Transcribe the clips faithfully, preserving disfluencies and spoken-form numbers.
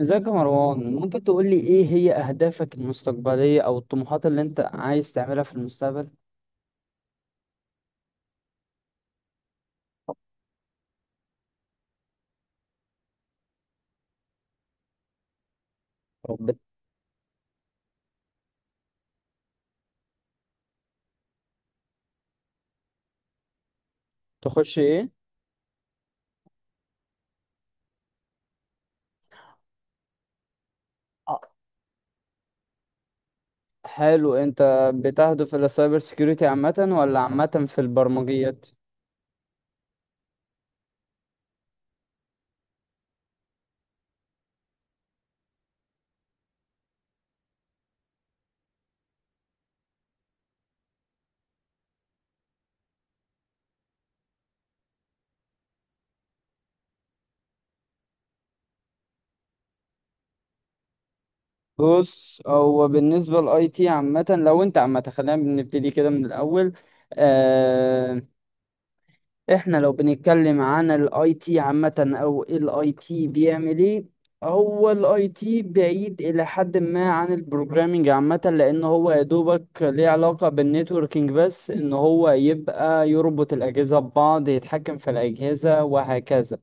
ازيك يا مروان؟ ممكن تقول لي ايه هي اهدافك المستقبلية او الطموحات اللي انت عايز تعملها في المستقبل؟ او بتخش ايه؟ آه، حلو. انت بتهدف الى سايبر سيكيورتي عامة ولا عامة في البرمجيات؟ بص، هو بالنسبة للاي تي عامة، لو انت عامة خلينا بنبتدي كده من الاول. آه، احنا لو بنتكلم عن الاي تي عامة، او الاي تي بيعمل ايه؟ هو الاي تي بعيد الى حد ما عن البروجرامينج عامة، لان هو يا دوبك ليه علاقة بالنتوركينج، بس ان هو يبقى يربط الاجهزة ببعض، يتحكم في الاجهزة وهكذا.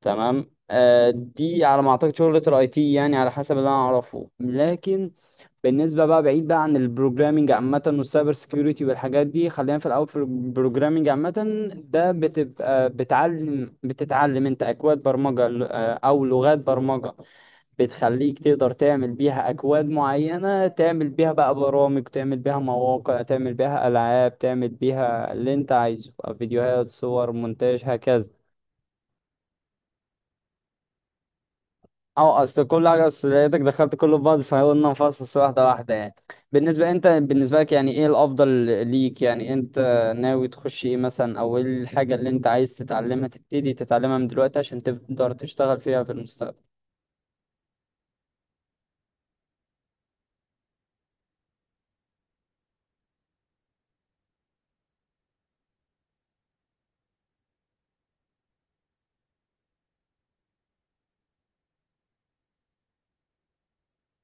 تمام، آه، دي على ما اعتقد شغلة الاي تي يعني، على حسب اللي انا اعرفه. لكن بالنسبة بقى، بعيد بقى عن البروجرامينج عامة والسايبر سيكيورتي والحاجات دي، خلينا في الأول في البروجرامينج عامة. ده بتبقى بتعلم، بتتعلم أنت أكواد برمجة ل- أو لغات برمجة بتخليك تقدر تعمل بيها أكواد معينة، تعمل بيها بقى برامج، تعمل بيها مواقع، تعمل بيها ألعاب، تعمل بيها اللي أنت عايزه، فيديوهات، صور، مونتاج، هكذا. اه، اصل كل حاجه، اصل لقيتك دخلت كله في بعض، فقلنا نفصص واحده واحده يعني. بالنسبه انت، بالنسبه لك يعني ايه الافضل ليك؟ يعني انت ناوي تخش ايه مثلا، او ايه الحاجه اللي انت عايز تتعلمها، تبتدي تتعلمها من دلوقتي عشان تقدر تشتغل فيها في المستقبل؟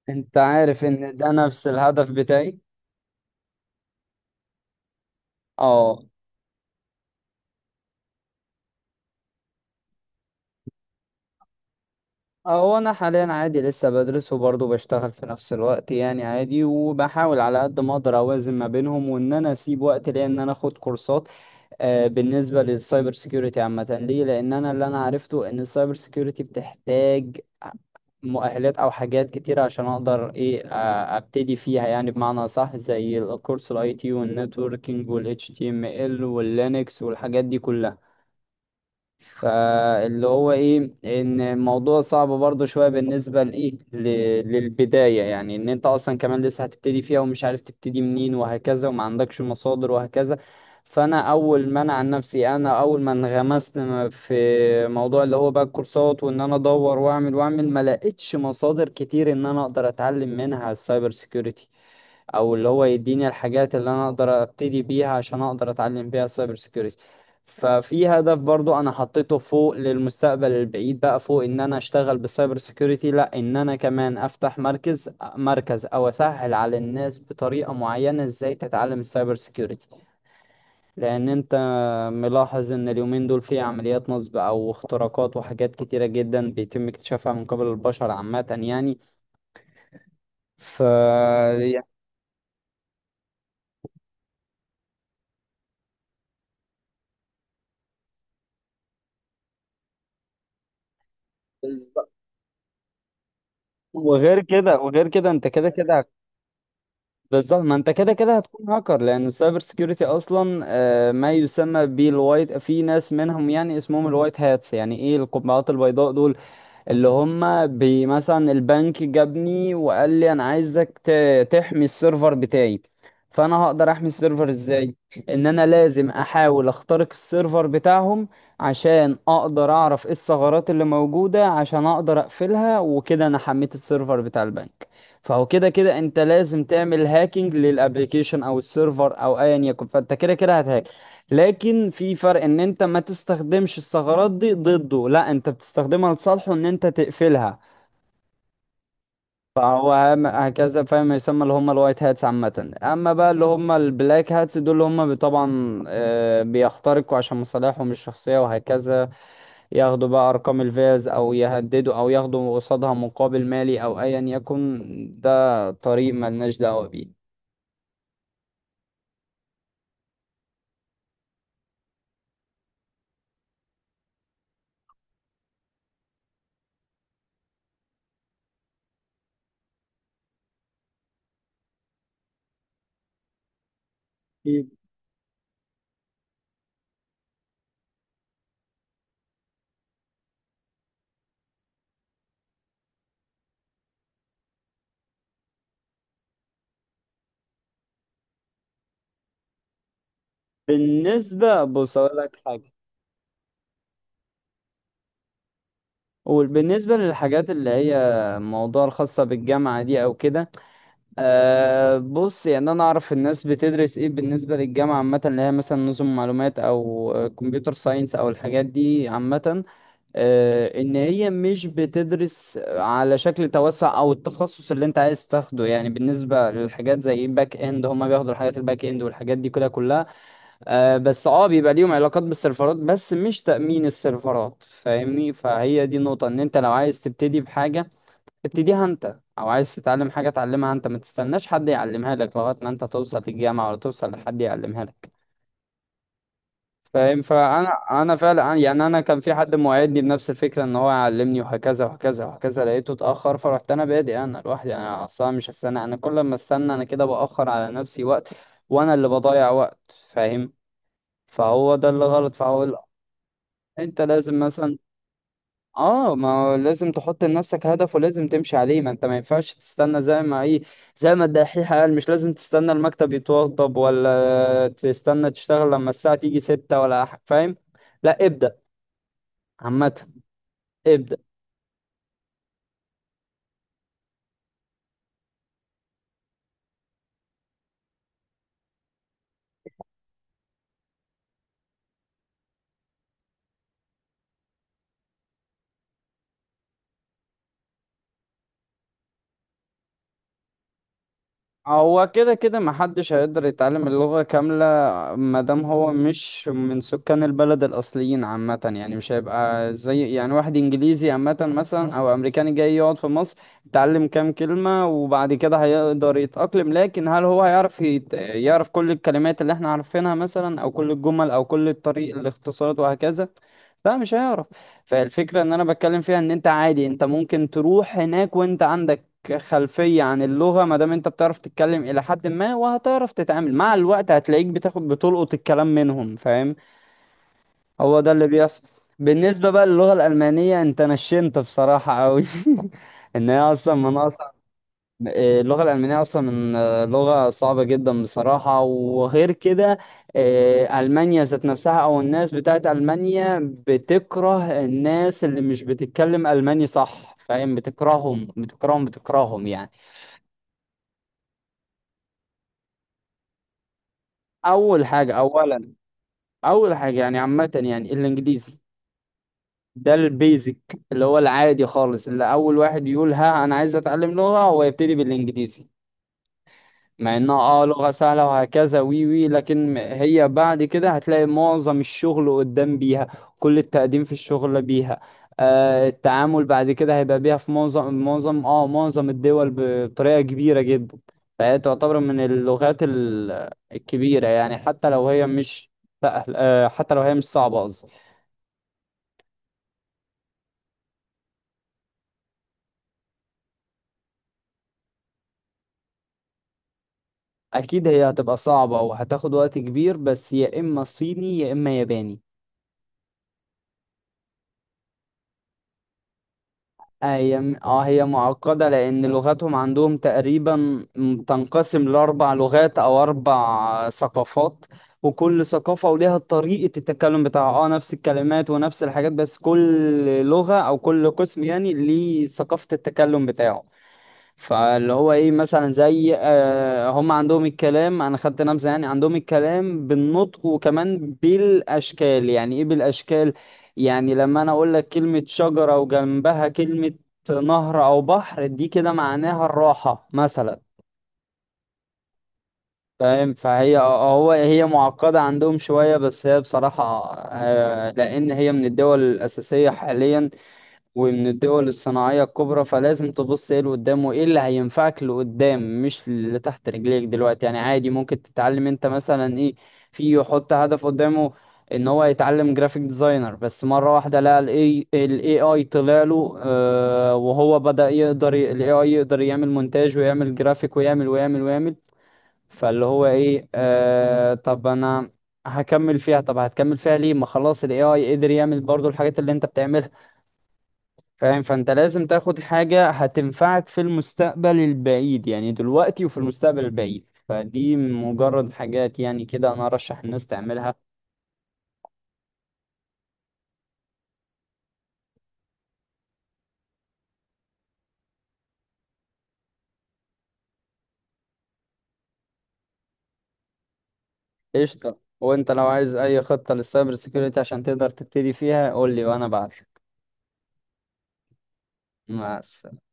انت عارف ان ده نفس الهدف بتاعي. اه. هو انا حاليا عادي لسه بدرس، وبرضه بشتغل في نفس الوقت يعني عادي، وبحاول على قد ما اقدر اوازن ما بينهم، وان انا اسيب وقت ليا ان انا اخد كورسات. آه، بالنسبة للسايبر سيكيورتي عامة ليه؟ لأن أنا، اللي أنا عرفته إن السايبر سيكيورتي بتحتاج مؤهلات أو حاجات كتيرة عشان أقدر إيه، آه، أبتدي فيها يعني، بمعنى صح، زي الكورس الأي تي والنتوركينج وال H T M L واللينكس والحاجات دي كلها. فاللي هو ايه، ان الموضوع صعب برضو شوية، بالنسبة لايه، ل- للبداية يعني، ان انت اصلا كمان لسه هتبتدي فيها ومش عارف تبتدي منين وهكذا، وما عندكش مصادر وهكذا. فانا اول ما انا عن نفسي، انا اول ما انغمست م- في موضوع اللي هو بقى الكورسات، وان انا ادور واعمل واعمل، ما لقيتش مصادر كتير ان انا اقدر اتعلم منها السايبر سيكيورتي، او اللي هو يديني الحاجات اللي انا اقدر ابتدي بيها عشان اقدر اتعلم بيها السايبر سيكيورتي. ففي هدف برضو انا حطيته فوق للمستقبل البعيد بقى، فوق ان انا اشتغل بالسايبر سيكيورتي، لا ان انا كمان افتح مركز، مركز او اسهل على الناس بطريقة معينة ازاي تتعلم السايبر سيكيورتي. لان انت ملاحظ ان اليومين دول في عمليات نصب او اختراقات وحاجات كتيرة جدا بيتم اكتشافها من قبل البشر عامة يعني. ف يعني، وغير كده وغير كده انت كده كده هت- بالظبط. ما انت كده كده هتكون هاكر، لان السايبر سيكيورتي اصلا، آه، ما يسمى بالوايت، في ناس منهم يعني اسمهم الوايت هاتس، يعني ايه القبعات البيضاء دول؟ اللي هم بي- مثلا البنك جابني وقال لي انا عايزك ت- تحمي السيرفر بتاعي. فانا هقدر احمي السيرفر ازاي؟ ان انا لازم احاول اخترق السيرفر بتاعهم عشان اقدر اعرف ايه الثغرات اللي موجودة، عشان اقدر اقفلها، وكده انا حميت السيرفر بتاع البنك. فهو كده كده انت لازم تعمل هاكينج للابليكيشن او السيرفر او ايا يكن، فانت كده كده هتهاك. لكن في فرق، ان انت ما تستخدمش الثغرات دي ضده، لا انت بتستخدمها لصالحه، ان انت تقفلها. فهو هم- هكذا فاهم، يسمى اللي هم الوايت هاتس عامة. اما بقى اللي هم البلاك هاتس دول، اللي هم طبعا آه، بيخترقوا عشان مصالحهم الشخصية وهكذا، ياخدوا بقى ارقام الفيز، او يهددوا، او ياخدوا قصادها مقابل مالي او ايا يكن. ده طريق ملناش دعوة بيه. بالنسبة، بص أقول لك حاجة، وبالنسبة للحاجات اللي هي موضوع الخاصة بالجامعة دي أو كده، أه بص، يعني أنا أعرف الناس بتدرس إيه بالنسبة للجامعة عامة، اللي هي مثلا نظم معلومات أو كمبيوتر ساينس أو الحاجات دي عامة. أه، إن هي مش بتدرس على شكل توسع أو التخصص اللي أنت عايز تاخده، يعني بالنسبة للحاجات زي باك إند، هما بياخدوا الحاجات الباك إند والحاجات دي كلها كلها. آه بس، اه، بيبقى ليهم علاقات بالسيرفرات، بس مش تأمين السيرفرات، فاهمني؟ فهي دي النقطة، ان انت لو عايز تبتدي بحاجة ابتديها انت، او عايز تتعلم حاجة اتعلمها انت، ما تستناش حد يعلمها لك لغاية ما انت توصل للجامعة ولا توصل لحد يعلمها لك. فاهم؟ فانا، انا فعلا يعني انا كان في حد موعدني بنفس الفكرة ان هو يعلمني وهكذا وهكذا وهكذا، لقيته اتأخر، فرحت انا بادئ انا لوحدي. انا اصلا مش هستنى، انا كل ما استنى انا كده بأخر على نفسي وقت، وانا اللي بضيع وقت. فاهم؟ فهو ده اللي غلط. فهو انت لازم مثلا، اه ما هو لازم تحط لنفسك هدف، ولازم تمشي عليه. ما انت ما ينفعش تستنى زي ما ايه، زي ما الدحيح قال، مش لازم تستنى المكتب يتوضب، ولا تستنى تشتغل لما الساعة تيجي ستة ولا ح- فاهم؟ لا، ابدأ عامة، ابدأ. هو كده كده محدش هيقدر يتعلم اللغة كاملة مادام هو مش من سكان البلد الأصليين عامة، يعني مش هيبقى زي يعني واحد إنجليزي عامة مثلا، أو أمريكاني جاي يقعد في مصر، يتعلم كام كلمة وبعد كده هيقدر يتأقلم. لكن هل هو هيعرف يت... يعرف كل الكلمات اللي احنا عارفينها مثلا، أو كل الجمل، أو كل الطريق الاختصارات وهكذا؟ لا مش هيعرف. فالفكرة ان انا بتكلم فيها، ان انت عادي، انت ممكن تروح هناك وانت عندك كخلفية عن اللغة. ما دام انت بتعرف تتكلم الى حد ما، وهتعرف تتعامل مع الوقت، هتلاقيك بتاخد، بتلقط الكلام منهم، فاهم؟ هو ده اللي بيحصل. بالنسبة بقى للغة الألمانية، انت نشنت بصراحة قوي. ان هي اصلا من اصلا، آه، اللغة الألمانية اصلا من، آه، لغة صعبة جدا بصراحة، وغير كده، آه، ألمانيا ذات نفسها، او الناس بتاعت ألمانيا بتكره الناس اللي مش بتتكلم ألماني، صح فاهم؟ بتكرههم بتكرههم بتكرههم يعني. اول حاجه، اولا اول حاجه يعني عامه يعني الانجليزي، ده البيزك، اللي هو العادي خالص، اللي اول واحد يقول ها انا عايز اتعلم لغه هو يبتدي بالانجليزي، مع انها اه لغة سهلة وهكذا، وي وي. لكن م- هي بعد كده هتلاقي معظم الشغل قدام بيها، كل التقديم في الشغل بيها، آه التعامل بعد كده هيبقى بيها في معظم، معظم اه معظم الدول، ب- بطريقة كبيرة جدا. فهي تعتبر من اللغات ال- الكبيرة يعني، حتى لو هي مش سهل، آه حتى لو هي مش صعبة قصدي. اكيد هي هتبقى صعبة وهتاخد وقت كبير، بس يا اما صيني يا اما ياباني. هي م- اه هي معقدة، لأن لغتهم عندهم تقريبا م- تنقسم لأربع لغات أو أربع ثقافات، وكل ثقافة وليها طريقة التكلم بتاعها، اه نفس الكلمات ونفس الحاجات، بس كل لغة أو كل قسم يعني ليه ثقافة التكلم بتاعه. فاللي هو ايه، مثلا زي آه هم عندهم الكلام، انا خدت نبذه يعني، عندهم الكلام بالنطق وكمان بالاشكال، يعني ايه بالاشكال؟ يعني لما انا اقول لك كلمه شجره، وجنبها كلمه نهر او بحر، دي كده معناها الراحه مثلا، فاهم؟ فهي آه، آه، هو هي معقده عندهم شويه، بس هي بصراحه آه، لان هي من الدول الاساسيه حاليا، ومن الدول الصناعية الكبرى، فلازم تبص ايه اللي قدام وايه اللي هينفعك لقدام، مش اللي تحت رجليك دلوقتي يعني. عادي ممكن تتعلم انت مثلا ايه، في يحط هدف قدامه ان هو يتعلم جرافيك ديزاينر، بس مرة واحدة لقى الاي الاي اي طلع له، آه وهو بدأ يقدر الاي اي يقدر يعمل مونتاج ويعمل جرافيك ويعمل ويعمل ويعمل. فاللي هو ايه، آه طب انا هكمل فيها، طب هتكمل فيها ليه ما خلاص الاي اي قدر يعمل برضو الحاجات اللي انت بتعملها. فاهم؟ فانت لازم تاخد حاجة هتنفعك في المستقبل البعيد، يعني دلوقتي وفي المستقبل البعيد. فدي مجرد حاجات يعني كده انا ارشح الناس تعملها. قشطة، وانت لو عايز اي خطة للسايبر سيكيورتي عشان تقدر تبتدي فيها قول لي وانا بعتلك. مع السلامة.